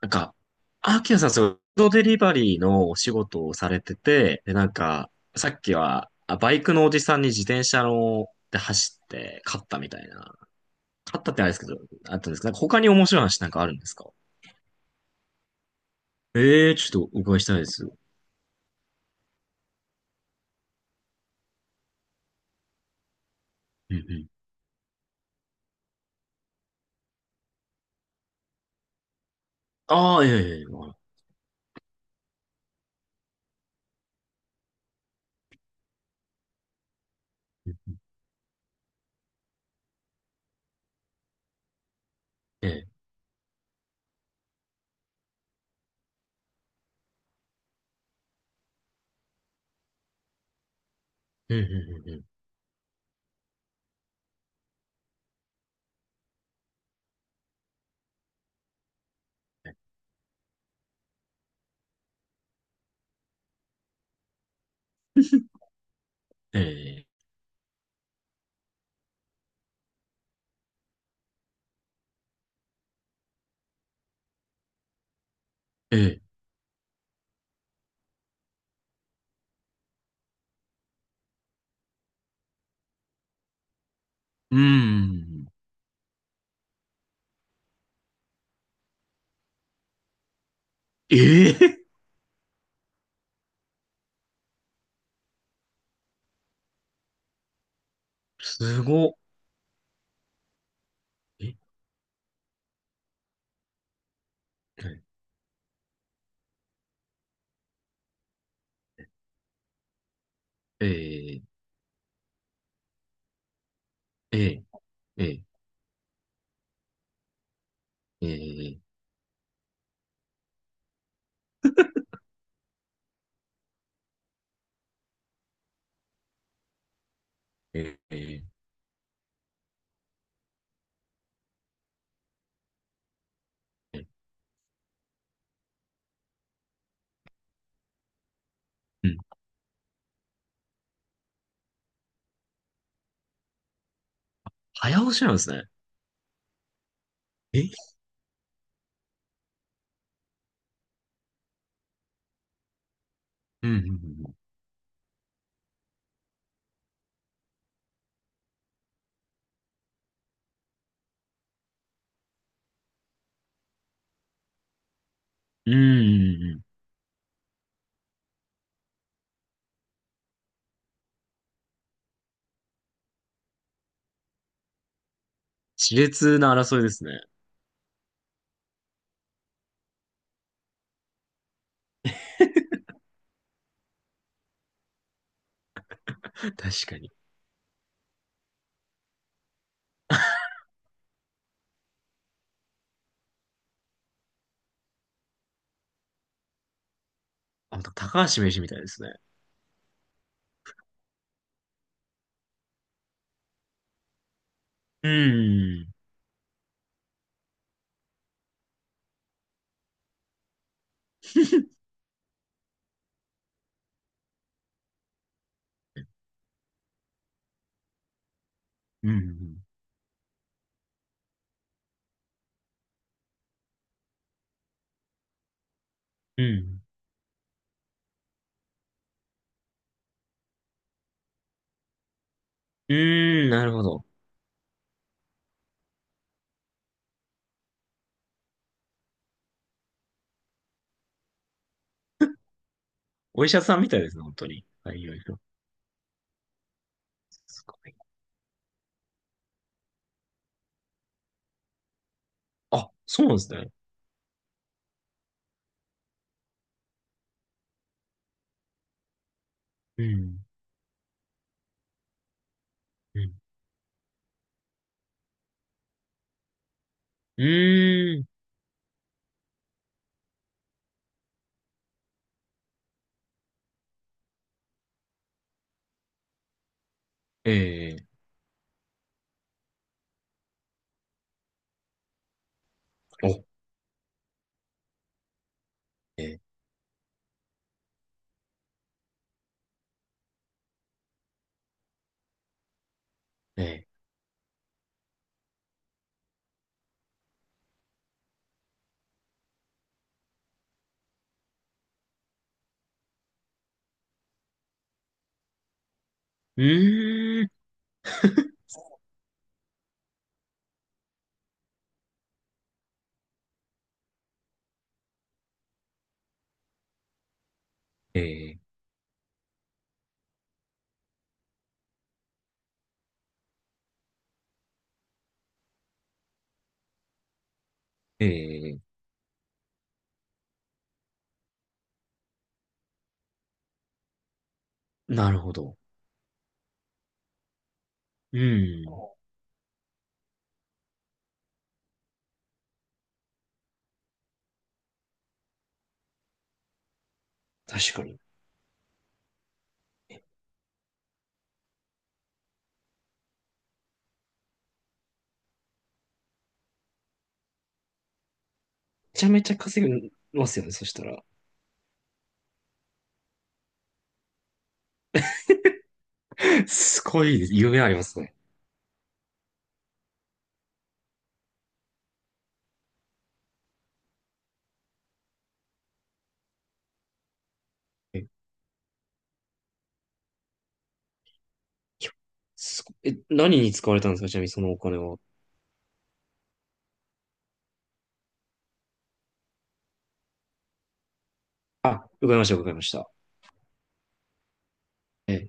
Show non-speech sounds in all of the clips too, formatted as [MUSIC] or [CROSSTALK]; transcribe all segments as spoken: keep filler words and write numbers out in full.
なんか、アキラさん、そう、フードデリバリーのお仕事をされてて、で、なんか、さっきは、あ、バイクのおじさんに自転車の、で走って、勝ったみたいな。勝ったってあれですけど、あったんですか？なんか他に面白い話なんかあるんですか？ええー、ちょっとお伺いしたいです。うんうん。ああ、ええ、ええ、わかる。ええ、うんうんうんうん。ええ、ええ、うん。ええ、すごっ。え、ええ、ええ、ええ、ええ、ええ、ええ、ええ、うん。早押しなんですね。え、うんうんうんうんうんうんうん。熾烈な争いですね。[LAUGHS] 確かに。あ、高橋名人みたいですね。うんうんうんうん。うんーん、なるほど。お医者さんみたいですね、本当に。はい、いろいろ。すごい。あ、そうなんですね。うん。うん。うーん。ええ、お、えー、えー、うーん。えー、ええ、なるほど。うん。確かに。めちゃめちゃ稼ぎますよね、そしたら。すごい夢ありますね。え、すごえ、何に使われたんですか、ちなみにそのお金は？あ、伺いました、伺いました。え、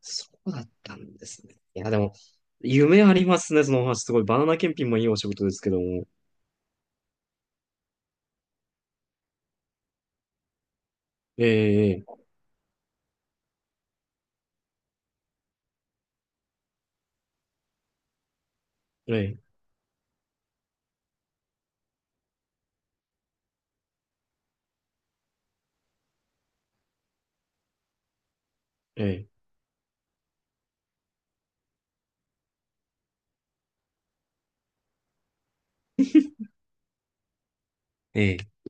そうだったんですね。いや、でも、夢ありますね、そのお話。すごい。バナナ検品もいいお仕事ですけども。ええええええええ、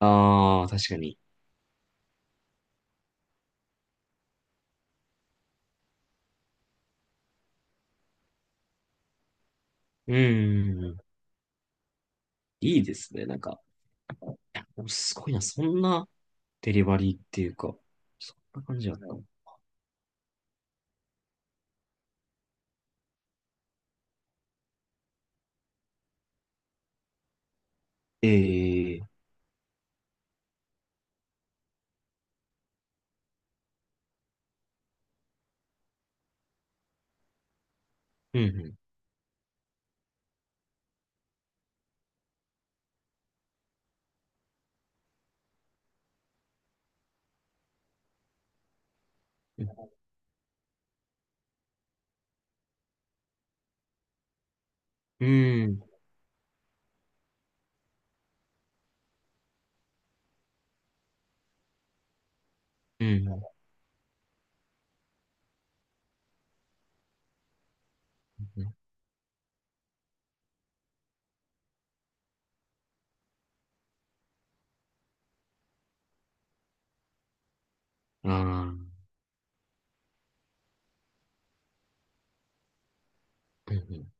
あ [LAUGHS] あー、確かに。うーん。いいですね、なんか。いや、でもすごいな、そんなデリバリーっていうか、そんな感じだった。ええ、うん、うん、うん、うん。ね、ああ、うんうん、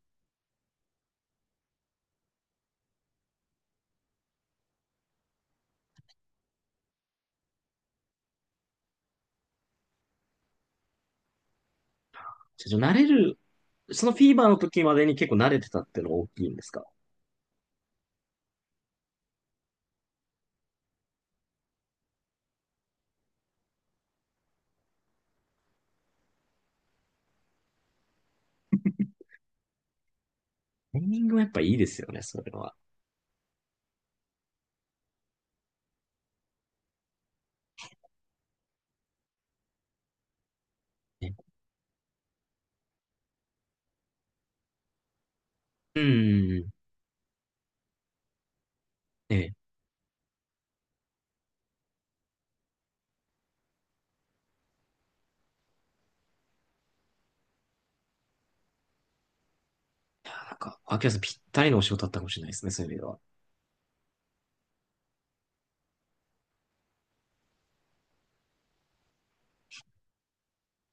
じゃあ慣れる、そのフィーバーの時までに結構慣れてたっていうのが大きいんですか？タイミングもやっぱいいですよね、それは。ね、うんうんうん。ええ。あ、なんか、秋山さんぴったりのお仕事だったかもしれないですね、そういう意味では。